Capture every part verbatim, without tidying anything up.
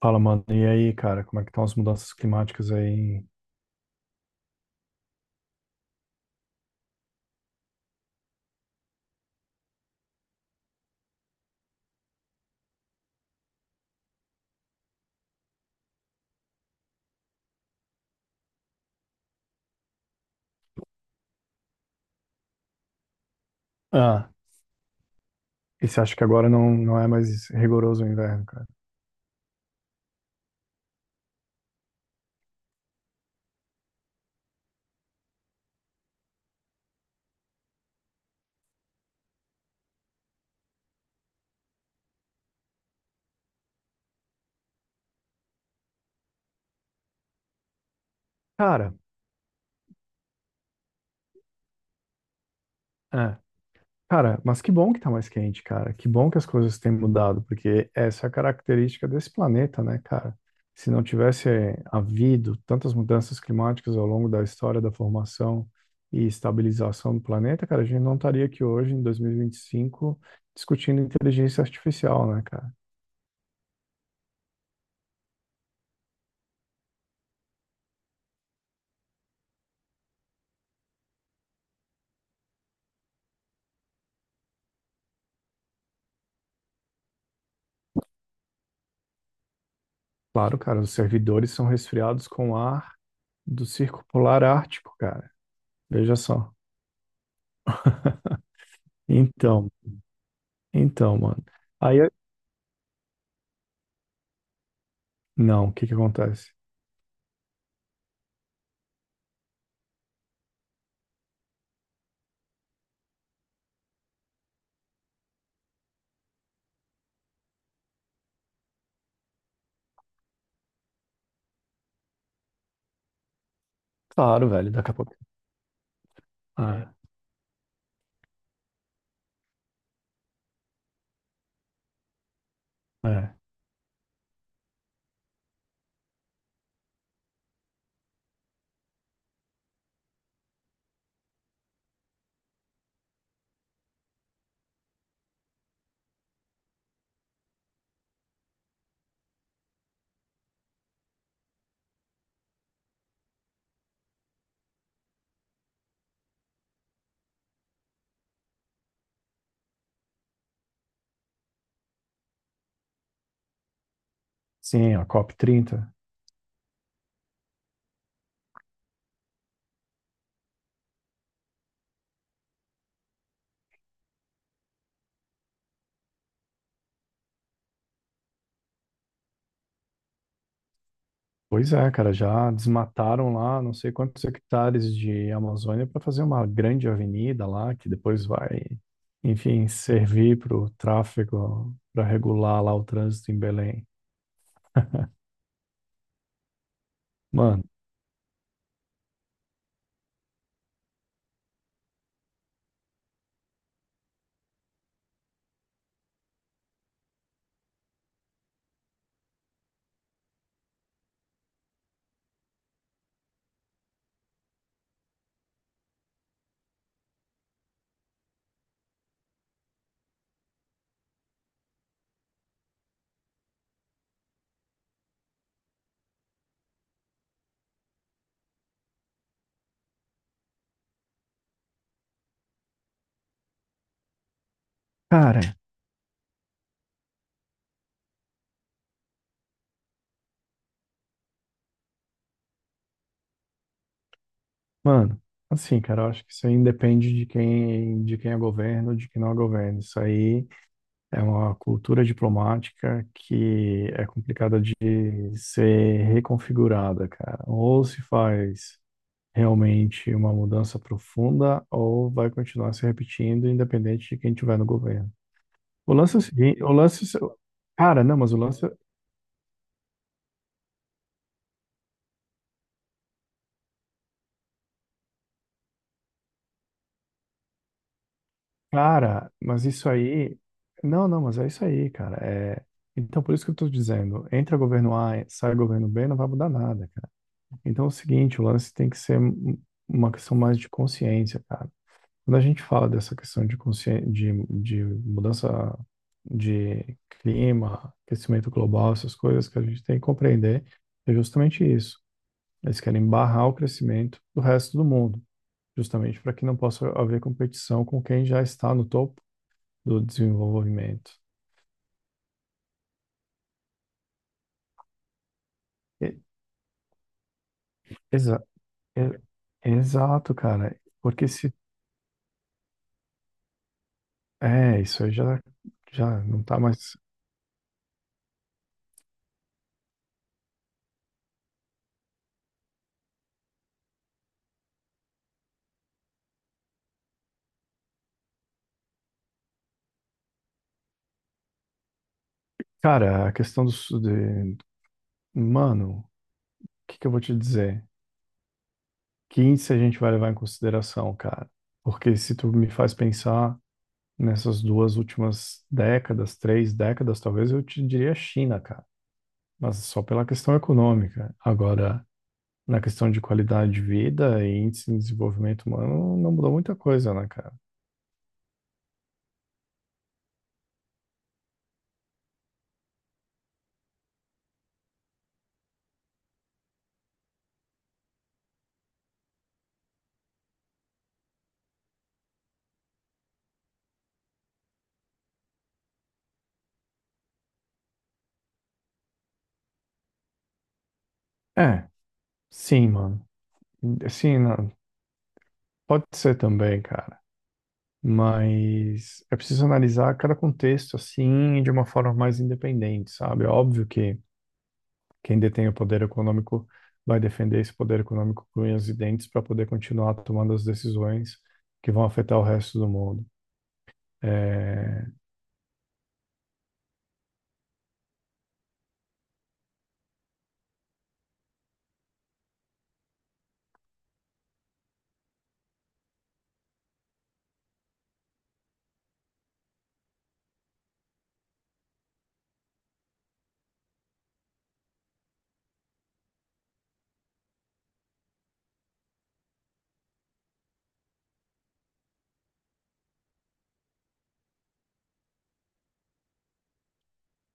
Fala, mano. E aí, cara, como é que estão as mudanças climáticas aí? Ah, e você acha que agora não, não é mais rigoroso o inverno, cara? Cara, é. Cara, mas que bom que tá mais quente, cara. Que bom que as coisas têm mudado, porque essa é a característica desse planeta, né, cara? Se não tivesse havido tantas mudanças climáticas ao longo da história da formação e estabilização do planeta, cara, a gente não estaria aqui hoje, em dois mil e vinte e cinco, discutindo inteligência artificial, né, cara? Claro, cara, os servidores são resfriados com ar do Circo Polar Ártico, cara. Veja só. Então, então, mano. Aí, eu- não, o que que acontece? Claro, velho, daqui a pouco. Ah, é. Sim, a cop trinta. Pois é, cara, já desmataram lá não sei quantos hectares de Amazônia para fazer uma grande avenida lá, que depois vai, enfim, servir para o tráfego, para regular lá o trânsito em Belém. Mano, cara, Mano, assim, cara, eu acho que isso aí independe de quem, de quem é governo, de quem não é governo. Isso aí é uma cultura diplomática que é complicada de ser reconfigurada, cara. Ou se faz realmente uma mudança profunda, ou vai continuar se repetindo, independente de quem tiver no governo. O lance é o seguinte, o lance, é o- cara, não, mas o lance Cara, mas isso aí. Não, não, mas é isso aí, cara. É... Então, por isso que eu tô dizendo: entra governo A, sai governo B, não vai mudar nada, cara. Então, é o seguinte: o lance tem que ser um- uma questão mais de consciência, cara. Quando a gente fala dessa questão de consciência, de, de mudança de clima, aquecimento global, essas coisas que a gente tem que compreender, é justamente isso. Eles querem barrar o crescimento do resto do mundo, justamente para que não possa haver competição com quem já está no topo do desenvolvimento. E- exa- e- exato, cara. Porque se. É, isso aí já, já não tá mais. Cara, a questão do. Su- De, mano, o que que eu vou te dizer? Que índice a gente vai levar em consideração, cara? Porque se tu me faz pensar nessas duas últimas décadas, três décadas, talvez eu te diria China, cara. Mas só pela questão econômica. Agora, na questão de qualidade de vida e índice de desenvolvimento humano, não mudou muita coisa, né, cara? É, sim, mano. Sim, não, pode ser também, cara. Mas é preciso analisar cada contexto assim de uma forma mais independente, sabe? É óbvio que quem detém o poder econômico vai defender esse poder econômico com unhas e dentes para poder continuar tomando as decisões que vão afetar o resto do mundo. É,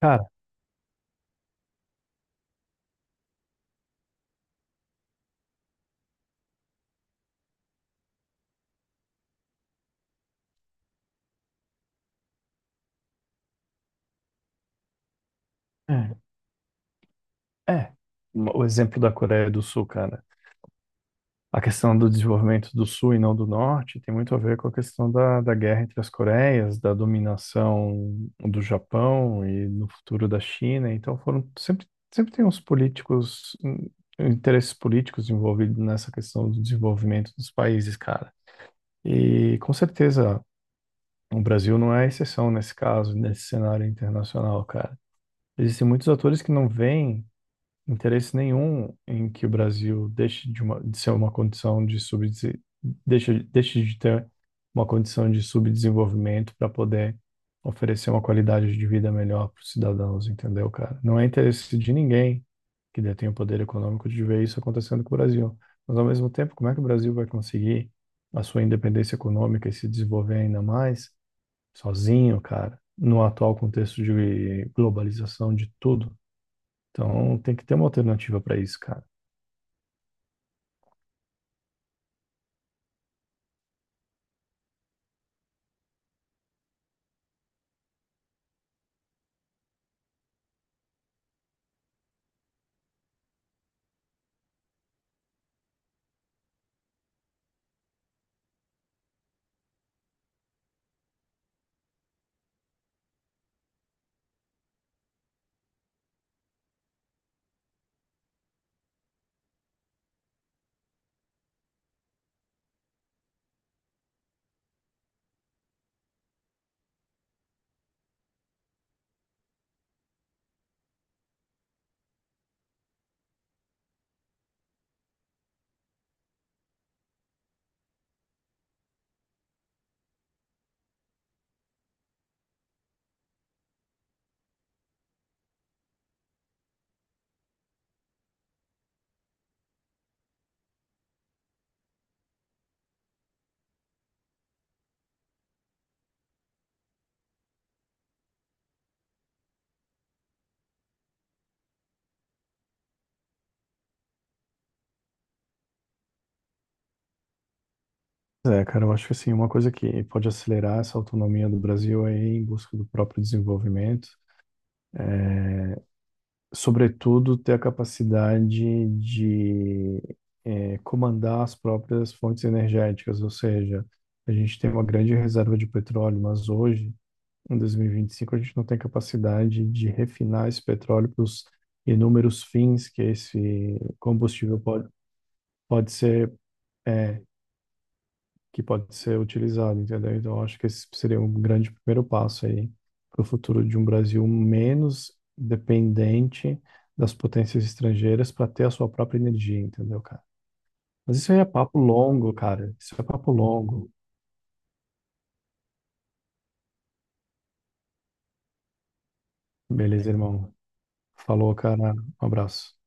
Cara, é, é. O exemplo da Coreia do Sul, cara. A questão do desenvolvimento do Sul e não do Norte tem muito a ver com a questão da, da guerra entre as Coreias, da dominação do Japão e no futuro da China. Então foram sempre, sempre tem uns políticos, hum, interesses políticos envolvidos nessa questão do desenvolvimento dos países, cara. E com certeza o Brasil não é a exceção nesse caso, nesse cenário internacional, cara. Existem muitos atores que não veem interesse nenhum em que o Brasil deixe de, uma, de ser uma condição de subdese- deixe, deixe de ter uma condição de subdesenvolvimento para poder oferecer uma qualidade de vida melhor para os cidadãos, entendeu, cara? Não é interesse de ninguém que detém o poder econômico de ver isso acontecendo com o Brasil. Mas, ao mesmo tempo, como é que o Brasil vai conseguir a sua independência econômica e se desenvolver ainda mais sozinho, cara, no atual contexto de globalização de tudo? Então, tem que ter uma alternativa para isso, cara. É, cara, eu acho que assim, uma coisa que pode acelerar essa autonomia do Brasil é ir em busca do próprio desenvolvimento, sobretudo ter a capacidade de eh, comandar as próprias fontes energéticas, ou seja, a gente tem uma grande reserva de petróleo, mas hoje, em dois mil e vinte e cinco, a gente não tem capacidade de refinar esse petróleo para os inúmeros fins que esse combustível pode, pode ser eh, que pode ser utilizado, entendeu? Então, eu acho que esse seria um grande primeiro passo aí para o futuro de um Brasil menos dependente das potências estrangeiras para ter a sua própria energia, entendeu, cara? Mas isso aí é papo longo, cara. Isso é papo longo. Beleza, irmão. Falou, cara. Um abraço.